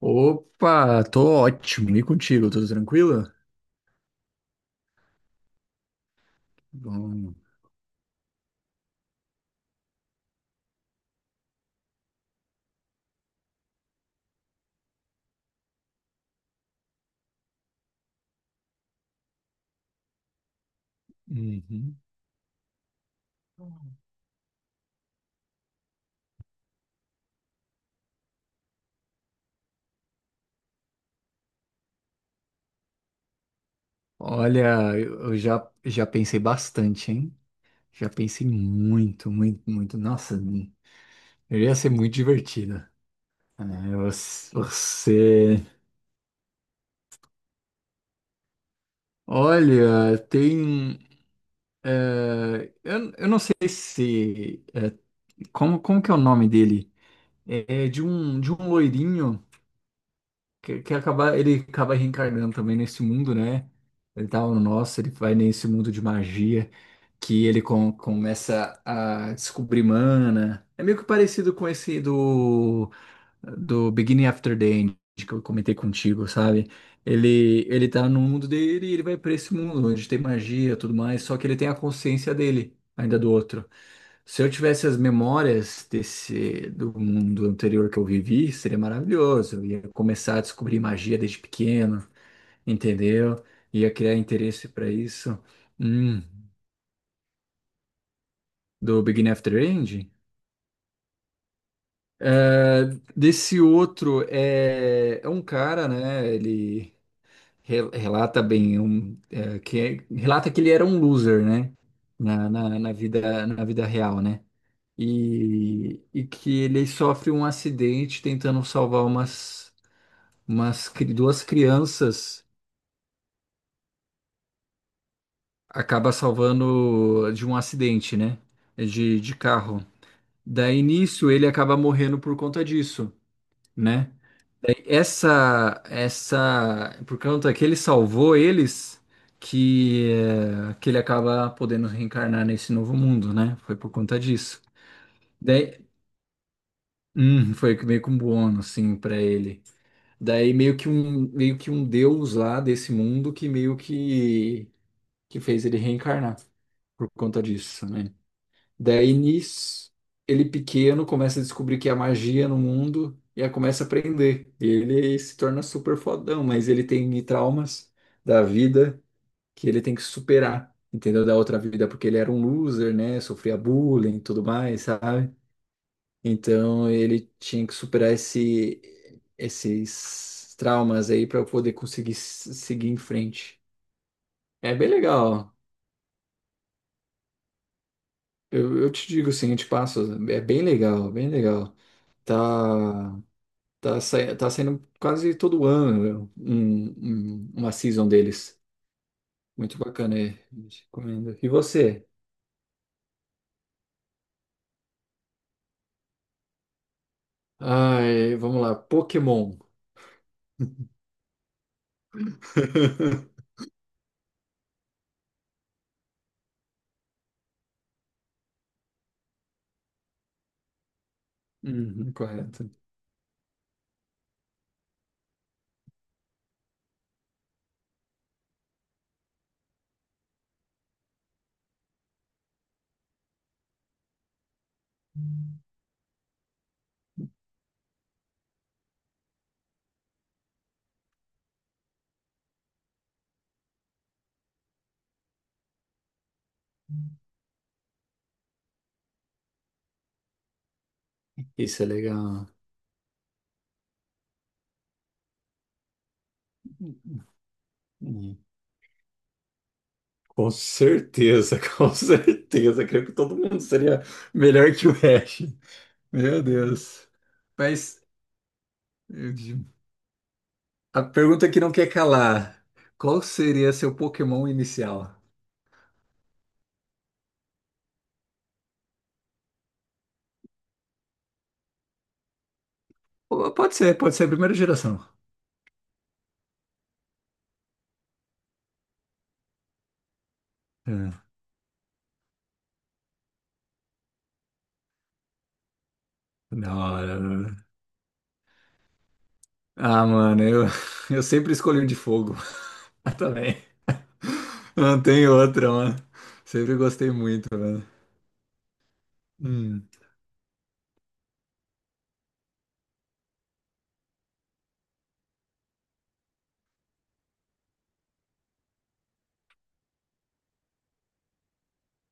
Opa, tô ótimo. E contigo, tudo tranquilo? Bom. Uhum. Olha, eu já, já pensei bastante, hein? Já pensei muito, muito, muito. Nossa, eu ia ser muito divertido. É, você, você- Olha, tem. Eu não sei se. Como que é o nome dele? É de um loirinho. Que acaba, ele acaba reencarnando também nesse mundo, né? Ele tá no nosso, ele vai nesse mundo de magia que ele começa a descobrir mana. É meio que parecido com esse do do Beginning After the End, que eu comentei contigo, sabe? Ele tá no mundo dele e ele vai pra esse mundo onde tem magia e tudo mais, só que ele tem a consciência dele, ainda do outro. Se eu tivesse as memórias desse do mundo anterior que eu vivi, seria maravilhoso. Eu ia começar a descobrir magia desde pequeno, entendeu? Ia criar interesse para isso. Hum, do Beginning After End. É, Desse outro é um cara, né? Relata bem, relata que ele era um loser, né? Na vida, na vida real, né? E que ele sofre um acidente tentando salvar umas, duas crianças, acaba salvando de um acidente, né? De carro. Daí nisso ele acaba morrendo por conta disso, né? Por conta que ele salvou eles, que ele acaba podendo reencarnar nesse novo mundo, né? Foi por conta disso. Daí, foi que meio que um bônus, assim, para ele. Daí meio que um deus lá desse mundo que meio que fez ele reencarnar por conta disso, né? Daí nisso, ele pequeno começa a descobrir que há magia no mundo e aí começa a aprender. E ele se torna super fodão, mas ele tem traumas da vida que ele tem que superar, entendeu? Da outra vida, porque ele era um loser, né? Sofria bullying e tudo mais, sabe? Então ele tinha que superar esse, esses traumas aí para poder conseguir seguir em frente. É bem legal. Eu te digo assim, eu te passo. É bem legal, bem legal. Tá. Tá, tá saindo quase todo ano um, uma season deles. Muito bacana, é. Recomendo. E você? Ai, vamos lá, Pokémon. Uhum, correto. Isso é legal. Hum. Com certeza, com certeza. Creio que todo mundo seria melhor que o Ash. Meu Deus. Mas eu digo, a pergunta que não quer calar: qual seria seu Pokémon inicial? Pode ser a primeira geração. É. Da hora, mano. Ah, mano, eu, eu sempre escolhi um de fogo. Eu também. Não tem outra, mano. Sempre gostei muito, mano. Hum.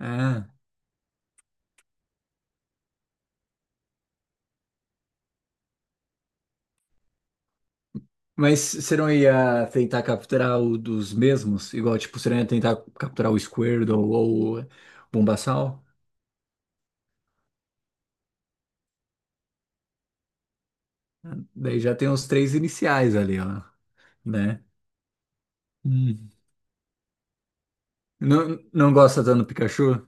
Ah. Mas você não ia tentar capturar o dos mesmos? Igual, tipo, você não ia tentar capturar o Squirtle ou o Bulbasaur? Daí já tem os três iniciais ali, ó, né? Hum. Não, não gosta tanto do Pikachu?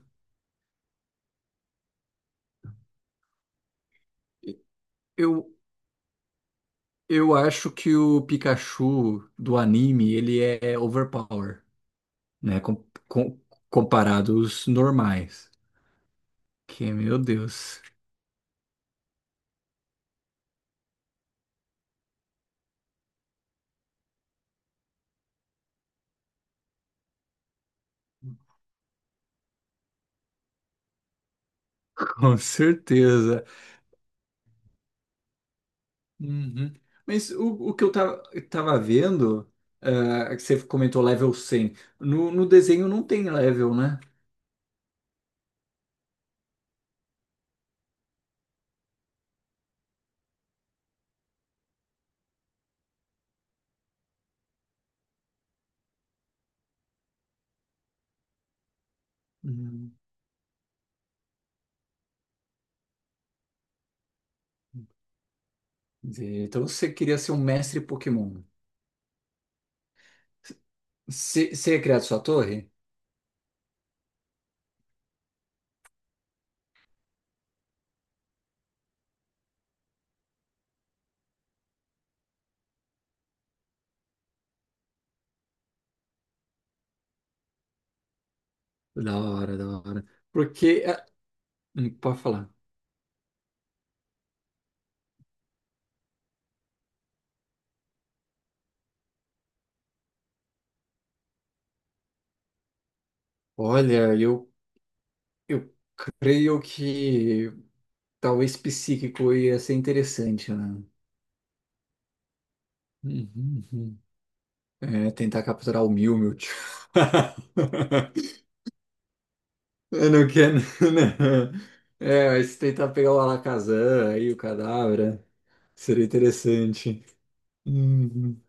Eu, eu acho que o Pikachu do anime, ele é overpower. Né? Com, com, comparado aos normais. Que, meu Deus, com certeza. Uhum. Mas o que eu tava vendo, ah, que você comentou level 100, no desenho não tem level, né? Hum. Entendi. Então você queria ser um mestre Pokémon. Você ia criar sua torre? Da hora, da hora. Porque, ah, pode falar. Olha, eu creio que talvez psíquico ia ser interessante, né? Uhum, uhum. É, tentar capturar o Mew, meu tio. Eu não quero. Não. É, mas se tentar pegar o Alakazam aí, o Cadabra, seria interessante. Uhum.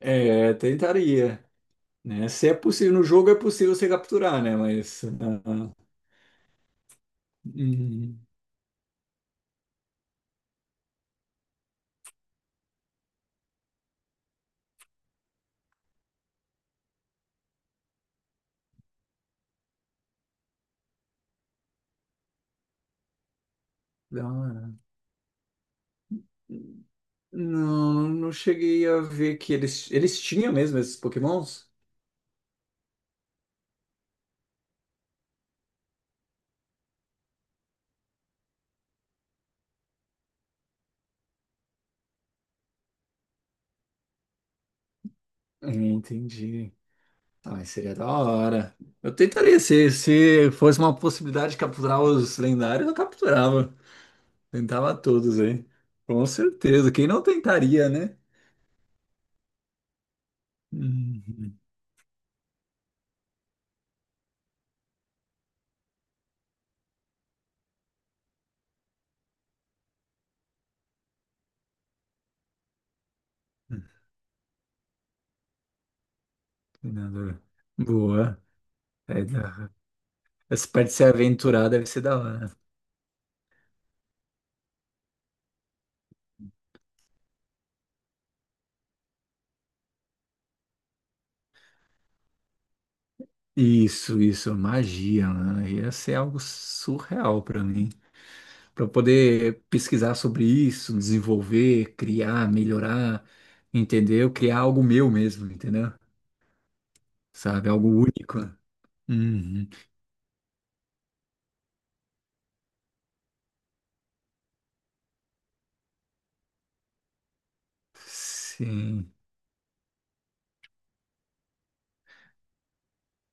É, tentaria, né? Se é possível, no jogo é possível você capturar, né? Mas. Ah, uhum. Da hora. Não, não cheguei a ver que eles tinham mesmo esses Pokémons. Hum. Entendi. Ah, seria da hora. Eu tentaria, se fosse uma possibilidade de capturar os lendários, eu capturava. Tentava todos aí. Com certeza. Quem não tentaria, né? Uhum. Treinador. Boa. É da- Essa parte de se aventurar deve ser da hora. Isso, isso. Magia, mano. Ia ser algo surreal pra mim. Pra eu poder pesquisar sobre isso, desenvolver, criar, melhorar, entendeu? Criar algo meu mesmo, entendeu? Sabe? Algo único. Uhum. Sim.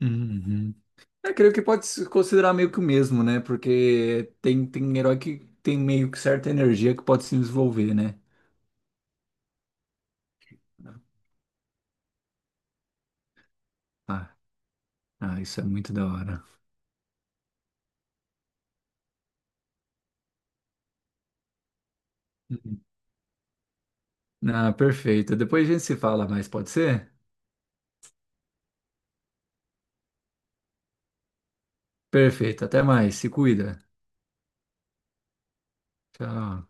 Uhum. Eu creio que pode se considerar meio que o mesmo, né? Porque tem, tem herói que tem meio que certa energia que pode se desenvolver, né? Ah, ah, isso é muito da hora. Uhum. Ah, perfeito. Depois a gente se fala mais, pode ser? Perfeito. Até mais. Se cuida. Tchau.